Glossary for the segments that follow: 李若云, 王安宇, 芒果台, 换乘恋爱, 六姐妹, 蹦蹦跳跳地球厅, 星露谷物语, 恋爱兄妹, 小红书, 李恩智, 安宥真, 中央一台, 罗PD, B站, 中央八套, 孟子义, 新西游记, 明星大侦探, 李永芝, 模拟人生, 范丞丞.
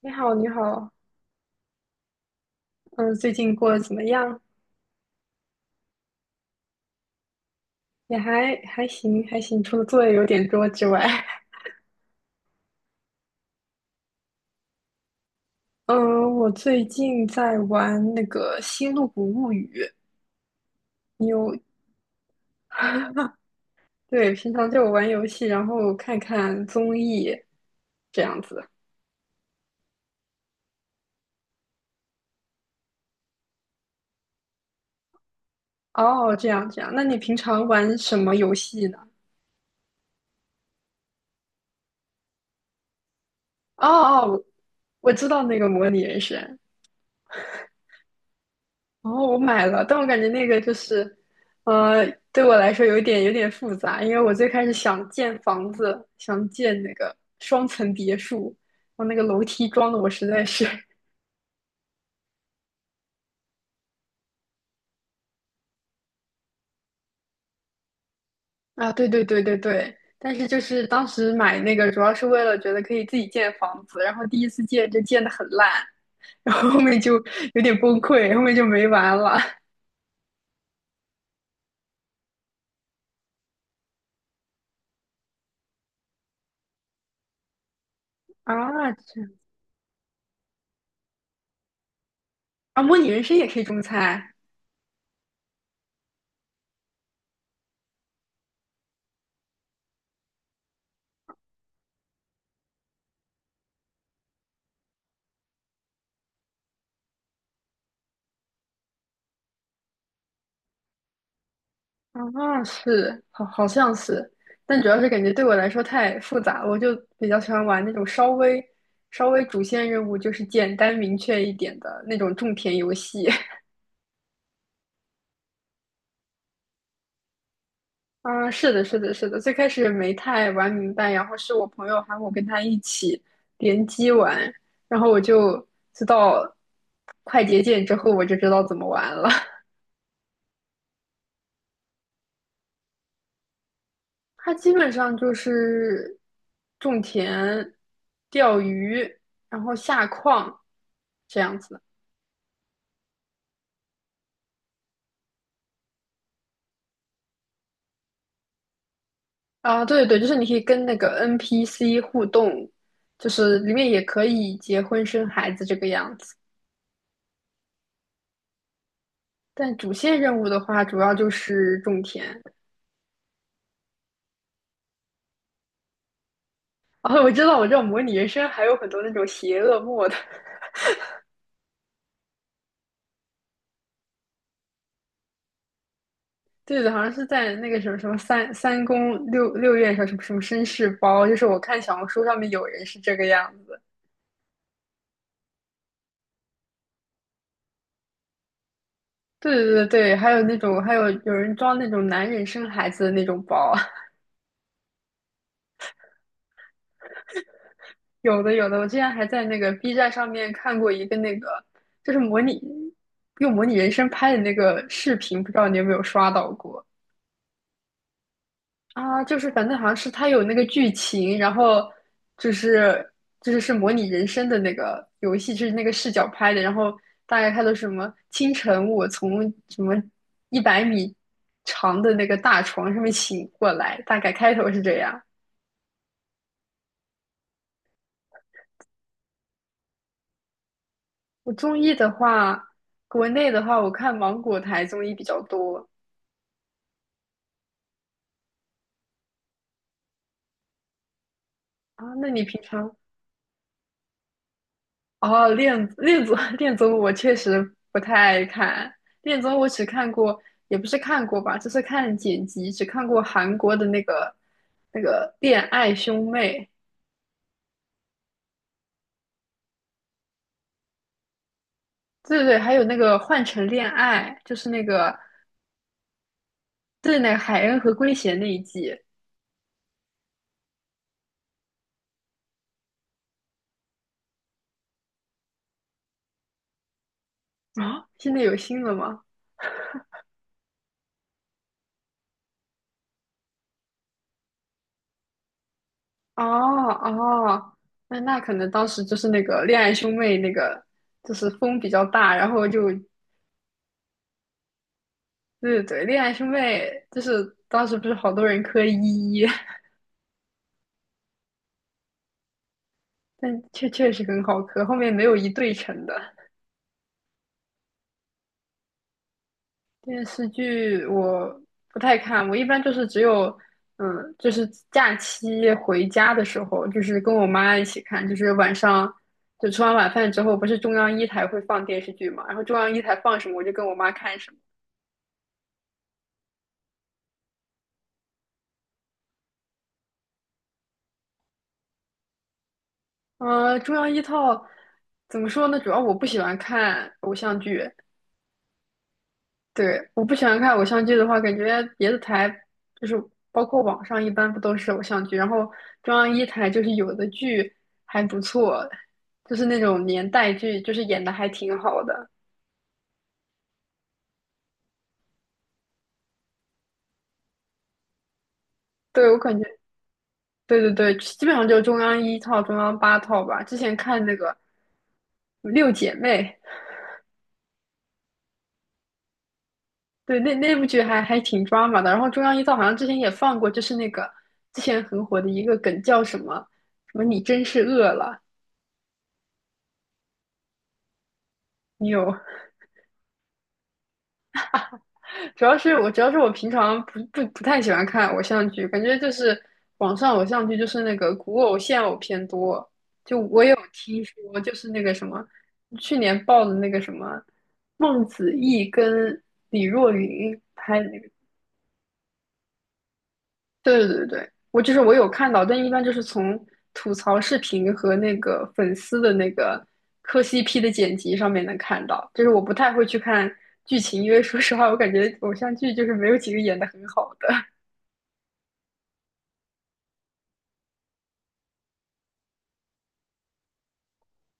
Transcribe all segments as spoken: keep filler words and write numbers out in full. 你好，你好，嗯，最近过得怎么样？也还还行，还行，除了作业有点多之外。嗯，我最近在玩那个《星露谷物语》。你有？对，平常就玩游戏，然后看看综艺，这样子。哦，这样这样，那你平常玩什么游戏呢？哦哦，我我知道那个模拟人生。哦，我买了，但我感觉那个就是，呃，对我来说有点有点复杂，因为我最开始想建房子，想建那个双层别墅，我那个楼梯装的我实在是。 啊，对对对对对，但是就是当时买那个主要是为了觉得可以自己建房子，然后第一次建就建的很烂，然后后面就有点崩溃，后面就没玩了。啊，这。啊，模拟人生也可以种菜。啊，是，好，好像是，但主要是感觉对我来说太复杂了，我就比较喜欢玩那种稍微稍微主线任务就是简单明确一点的那种种田游戏。啊，是的，是的，是的，最开始没太玩明白，然后是我朋友喊我跟他一起联机玩，然后我就知道快捷键之后，我就知道怎么玩了。它基本上就是种田、钓鱼，然后下矿这样子的。啊，对对对，就是你可以跟那个 N P C 互动，就是里面也可以结婚生孩子这个样子。但主线任务的话，主要就是种田。啊，我知道，我知道，模拟人生还有很多那种邪恶 mod。对的，好像是在那个什么什么三三宫六六院上什么什么绅士包，就是我看小红书上面有人是这个样子。对对对对，还有那种，还有有人装那种男人生孩子的那种包。有的有的，我之前还在那个 B 站上面看过一个那个，就是模拟用模拟人生拍的那个视频，不知道你有没有刷到过。啊？就是反正好像是它有那个剧情，然后就是就是是模拟人生的那个游戏，就是那个视角拍的，然后大概它的什么清晨我从什么一百米长的那个大床上面醒过来，大概开头是这样。我综艺的话，国内的话，我看芒果台综艺比较多。啊。那你平常哦，恋恋综 恋综我确实不太爱看，恋综我只看过，也不是看过吧，就是看剪辑，只看过韩国的那个那个恋爱兄妹。对对对，还有那个换乘恋爱，就是那个对那个海恩和圭贤那一季。啊，现在有新的吗？哦哦，那那可能当时就是那个恋爱兄妹那个，就是风比较大，然后就对对对，恋爱兄妹就是当时不是好多人磕一一，但确确实很好磕，后面没有一对成的。电视剧我不太看，我一般就是只有嗯，就是假期回家的时候，就是跟我妈一起看，就是晚上。就吃完晚饭之后，不是中央一台会放电视剧嘛？然后中央一台放什么，我就跟我妈看什么。呃，中央一套怎么说呢？主要我不喜欢看偶像剧。对，我不喜欢看偶像剧的话，感觉别的台就是包括网上一般不都是偶像剧，然后中央一台就是有的剧还不错，就是那种年代剧，就是演的还挺好的。对，我感觉，对对对，基本上就是中央一套、中央八套吧。之前看那个《六姐妹》，对，那那部剧还还挺抓马的。然后中央一套好像之前也放过，就是那个之前很火的一个梗叫什么什么"你真是饿了"。你有？主要是我主要是我平常不不不太喜欢看偶像剧，感觉就是网上偶像剧就是那个古偶现偶偏多。就我有听说，就是那个什么去年爆的那个什么孟子义跟李若云拍的那个。对对对，我就是我有看到，但一般就是从吐槽视频和那个粉丝的那个磕 C P 的剪辑上面能看到，就是我不太会去看剧情，因为说实话，我感觉偶像剧就是没有几个演的很好的。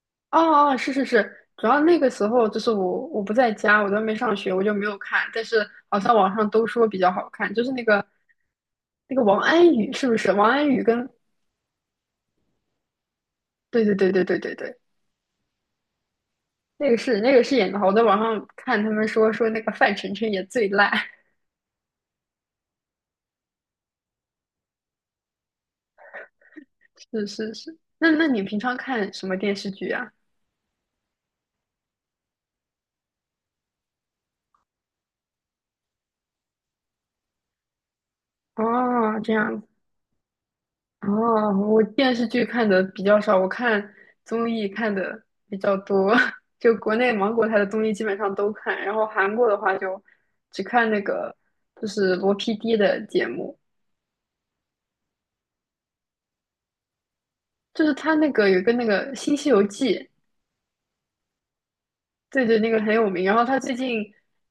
哦哦，是是是，主要那个时候就是我我不在家，我在外面上学，我就没有看，但是好像网上都说比较好看，就是那个那个王安宇是不是？王安宇跟对对对对对对对，那个是那个是演的好，我在网上看他们说说那个范丞丞也最烂。是是是，那那你平常看什么电视剧啊？哦，这样子。哦，我电视剧看的比较少，我看综艺看的比较多。就国内芒果台的综艺基本上都看，然后韩国的话就只看那个就是罗 P D 的节目。就是他那个有一个那个《新西游记》。对对，那个很有名。然后他最近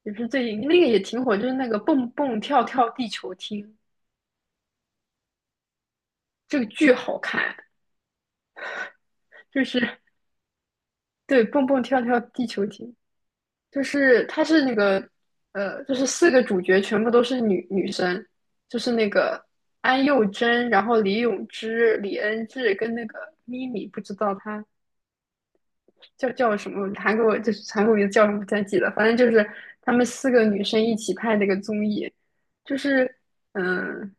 也不是最近那个也挺火，就是那个蹦蹦跳跳地球厅。这个剧好看，就是对蹦蹦跳跳地球厅。就是它是那个呃，就是四个主角全部都是女女生，就是那个安宥真，然后李永芝、李恩智跟那个咪咪，不知道她叫叫什么，韩国就是韩国名字叫什么不太记得，反正就是她们四个女生一起拍那个综艺，就是嗯、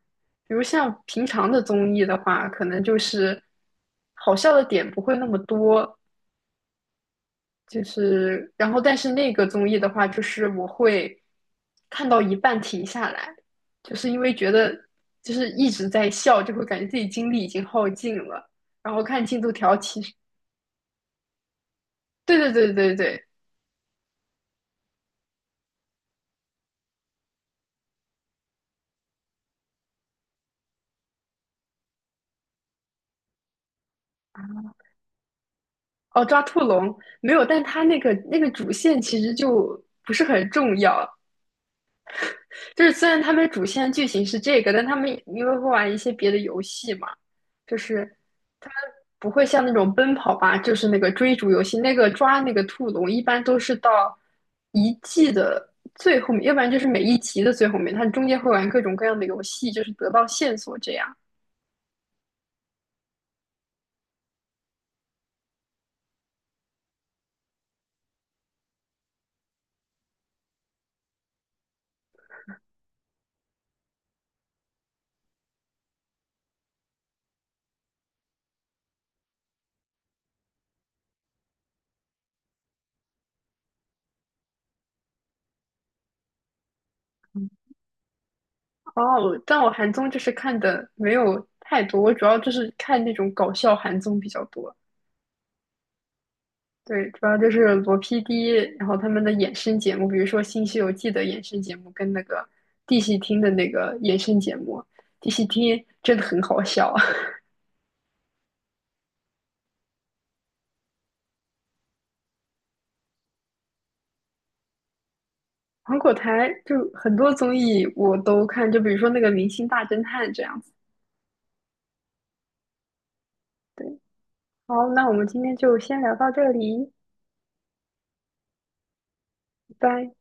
比如像平常的综艺的话，可能就是好笑的点不会那么多。就是，然后但是那个综艺的话，就是我会看到一半停下来，就是因为觉得就是一直在笑，就会感觉自己精力已经耗尽了。然后看进度条，其实对对对对对，哦，抓兔龙没有，但他那个那个主线其实就不是很重要。就是虽然他们主线剧情是这个，但他们因为会玩一些别的游戏嘛，就是不会像那种奔跑吧，就是那个追逐游戏，那个抓那个兔笼，一般都是到一季的最后面，要不然就是每一集的最后面，它中间会玩各种各样的游戏，就是得到线索这样。哦，但我韩综就是看的没有太多，我主要就是看那种搞笑韩综比较多。对，主要就是罗 P D，然后他们的衍生节目，比如说《新西游记》的衍生节目，跟那个地戏厅的那个衍生节目。地戏厅真的很好笑。芒果台就很多综艺我都看，就比如说那个《明星大侦探》这样子。对，好，那我们今天就先聊到这里，拜拜。